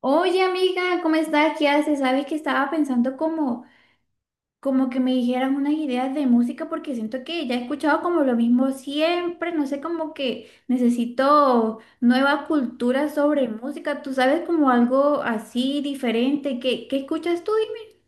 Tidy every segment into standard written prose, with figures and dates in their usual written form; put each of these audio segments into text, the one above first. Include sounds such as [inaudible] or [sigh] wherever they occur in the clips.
Oye, amiga, ¿cómo estás? ¿Qué haces? Sabes que estaba pensando como, como que me dijeras unas ideas de música porque siento que ya he escuchado como lo mismo siempre, no sé, como que necesito nueva cultura sobre música. ¿Tú sabes como algo así diferente? ¿Qué escuchas tú? Dime.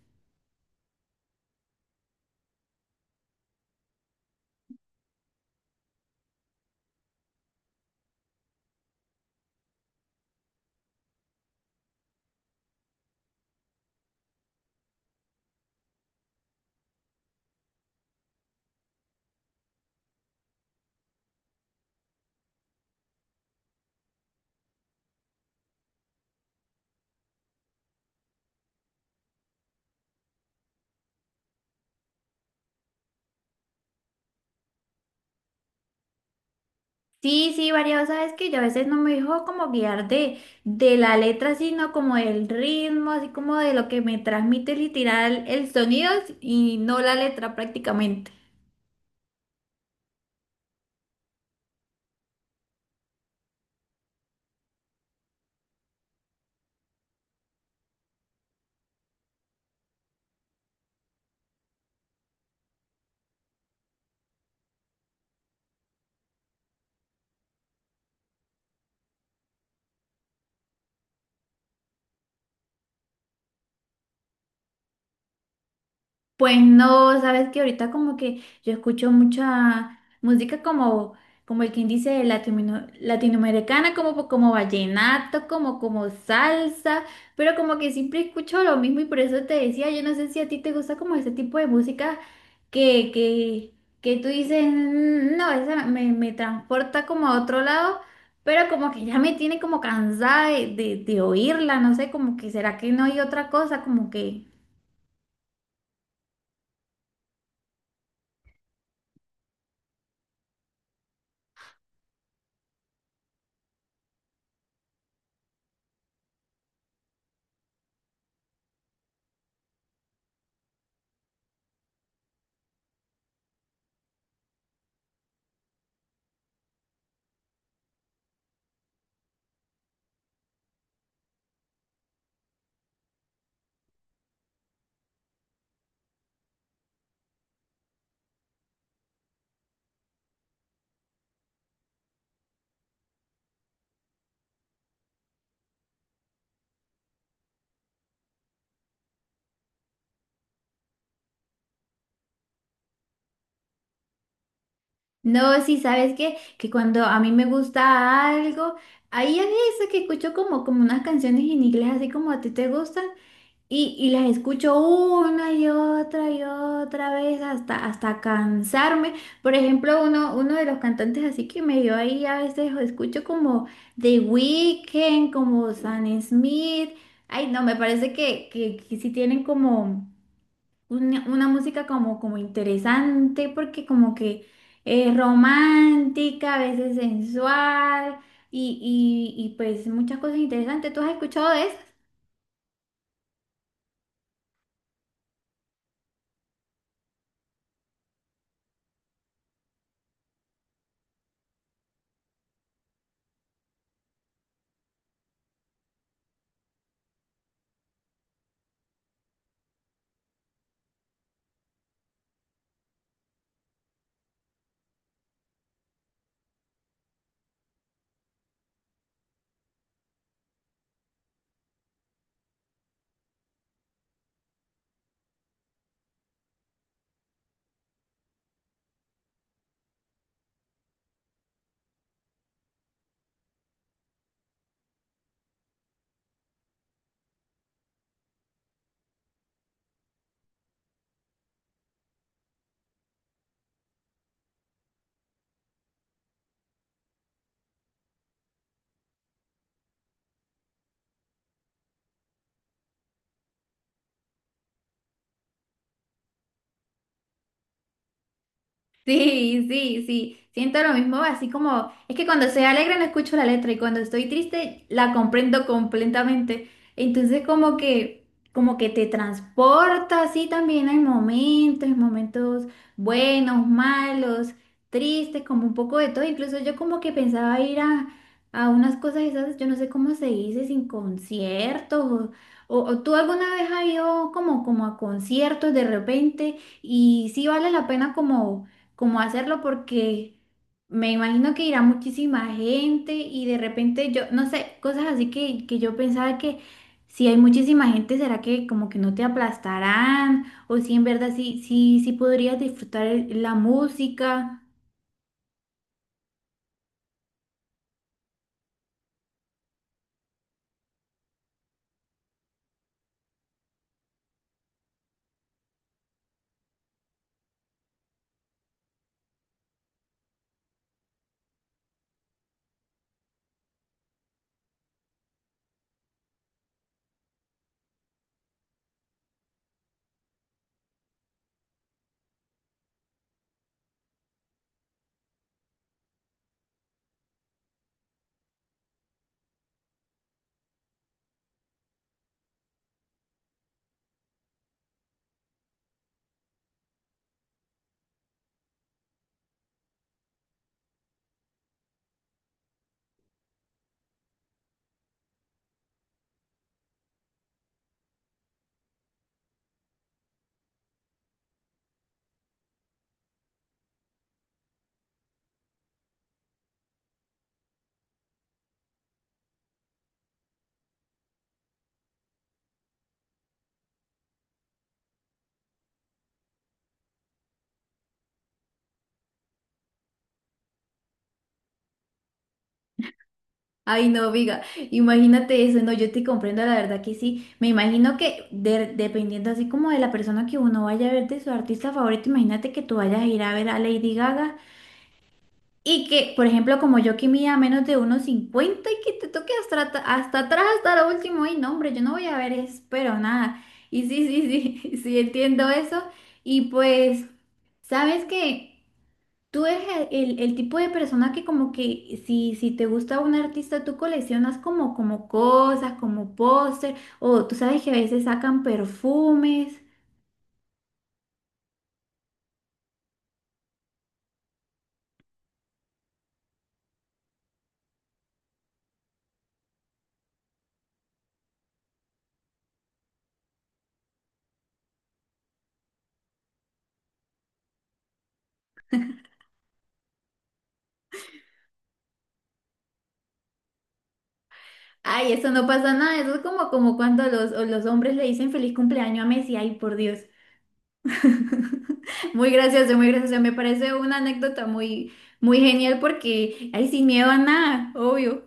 Sí, sí, variado, sabes que yo a veces no me dejo como guiar de la letra, sino como del ritmo, así como de lo que me transmite literal el sonido y no la letra prácticamente. Pues no, sabes que ahorita como que yo escucho mucha música como, como el quien dice latinoamericana, como, como vallenato, como, como salsa, pero como que siempre escucho lo mismo y por eso te decía, yo no sé si a ti te gusta como ese tipo de música que, que, que tú dices, "Mm, no, esa me transporta como a otro lado, pero como que ya me tiene como cansada de, de oírla, no sé, como que será que no hay otra cosa, como que... No, sí, sabes que cuando a mí me gusta algo, ahí a veces que escucho como, como unas canciones en inglés, así como a ti te gustan, y las escucho una y otra vez hasta, hasta cansarme. Por ejemplo, uno de los cantantes así que me dio ahí a veces o escucho como The Weeknd, como Sam Smith. Ay, no, me parece que sí tienen como una música como, como interesante, porque como que es romántica, a veces sensual y pues muchas cosas interesantes. ¿Tú has escuchado de sí, sí, sí, siento lo mismo, así como, es que cuando se alegre no escucho la letra y cuando estoy triste la comprendo completamente? Entonces como que te transporta así también hay momentos, momentos buenos, malos, tristes, como un poco de todo. Incluso yo como que pensaba ir a unas cosas esas, yo no sé cómo se dice, sin conciertos, o tú alguna vez has ido como, como a conciertos de repente y sí vale la pena como cómo hacerlo porque me imagino que irá muchísima gente y de repente yo, no sé, cosas así que yo pensaba que si hay muchísima gente, ¿será que como que no te aplastarán? O si en verdad, sí, sí, sí podrías disfrutar la música. Ay, no, viga, imagínate eso, no, yo te comprendo, la verdad que sí. Me imagino que dependiendo así como de la persona que uno vaya a ver de su artista favorito, imagínate que tú vayas a ir a ver a Lady Gaga. Y que, por ejemplo, como yo que mida menos de 1,50 y que te toque hasta, hasta atrás, hasta lo último, y no, hombre, yo no voy a ver eso, pero nada. Y sí, sí, sí, [laughs] sí, entiendo eso. Y pues, sabes que tú eres el tipo de persona que como que si, si te gusta un artista, tú coleccionas como, como cosas, como póster, o tú sabes que a veces sacan perfumes. Ay, eso no pasa nada, eso es como, como cuando los hombres le dicen feliz cumpleaños a Messi, ay, por Dios. [laughs] Muy gracioso, muy gracioso. Me parece una anécdota muy, muy genial porque, ay, sin miedo a nada, obvio.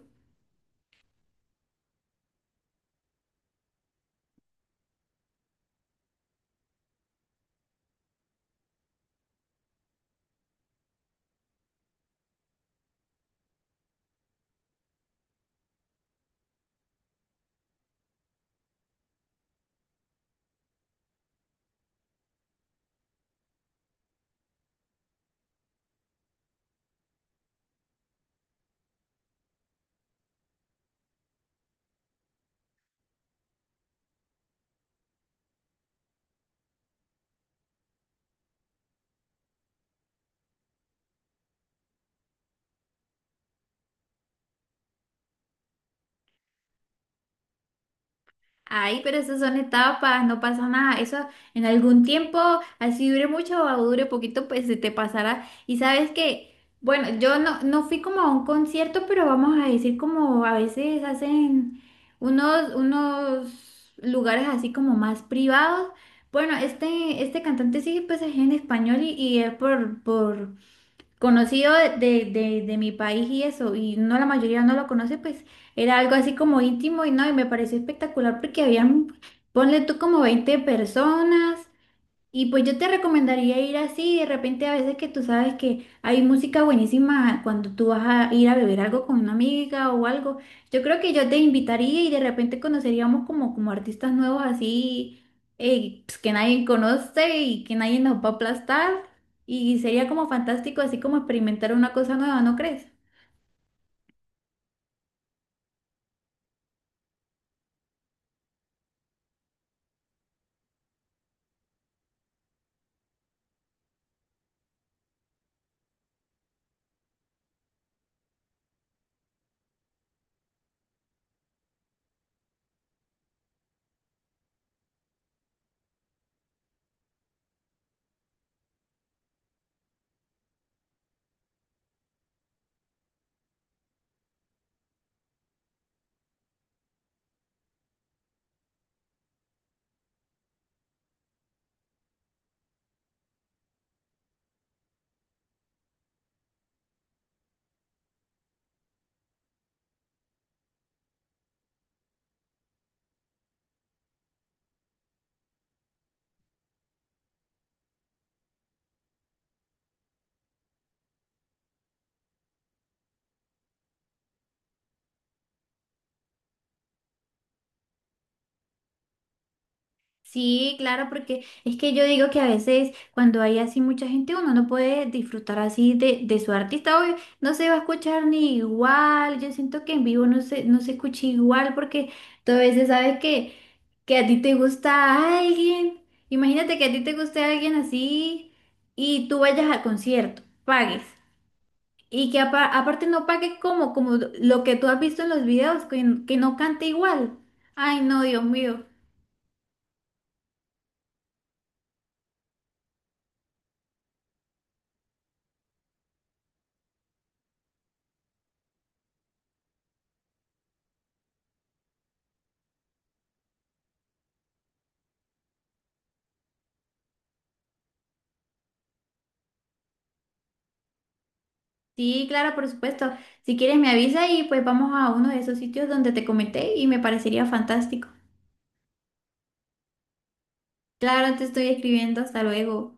Ay, pero esas son etapas, no pasa nada. Eso en algún tiempo, así dure mucho o dure poquito, pues se te pasará. Y sabes que, bueno, yo no, no fui como a un concierto, pero vamos a decir como a veces hacen unos lugares así como más privados. Bueno, este cantante sí, pues es en español y es por conocido de mi país y eso, y no la mayoría no lo conoce, pues era algo así como íntimo y no, y me pareció espectacular porque habían, ponle tú como 20 personas y pues yo te recomendaría ir así, de repente a veces que tú sabes que hay música buenísima cuando tú vas a ir a beber algo con una amiga o algo. Yo creo que yo te invitaría y de repente conoceríamos como, como artistas nuevos así pues, que nadie conoce y que nadie nos va a aplastar. Y sería como fantástico así como experimentar una cosa nueva, ¿no crees? Sí, claro, porque es que yo digo que a veces cuando hay así mucha gente, uno no puede disfrutar así de su artista, obvio, no se va a escuchar ni igual, yo siento que en vivo no se escucha igual porque tú a veces sabes que a ti te gusta alguien, imagínate que a ti te guste alguien así y tú vayas al concierto, pagues. Y que aparte no pague como, como lo que tú has visto en los videos, que no cante igual. Ay, no, Dios mío. Sí, claro, por supuesto. Si quieres me avisa y pues vamos a uno de esos sitios donde te comenté y me parecería fantástico. Claro, te estoy escribiendo. Hasta luego.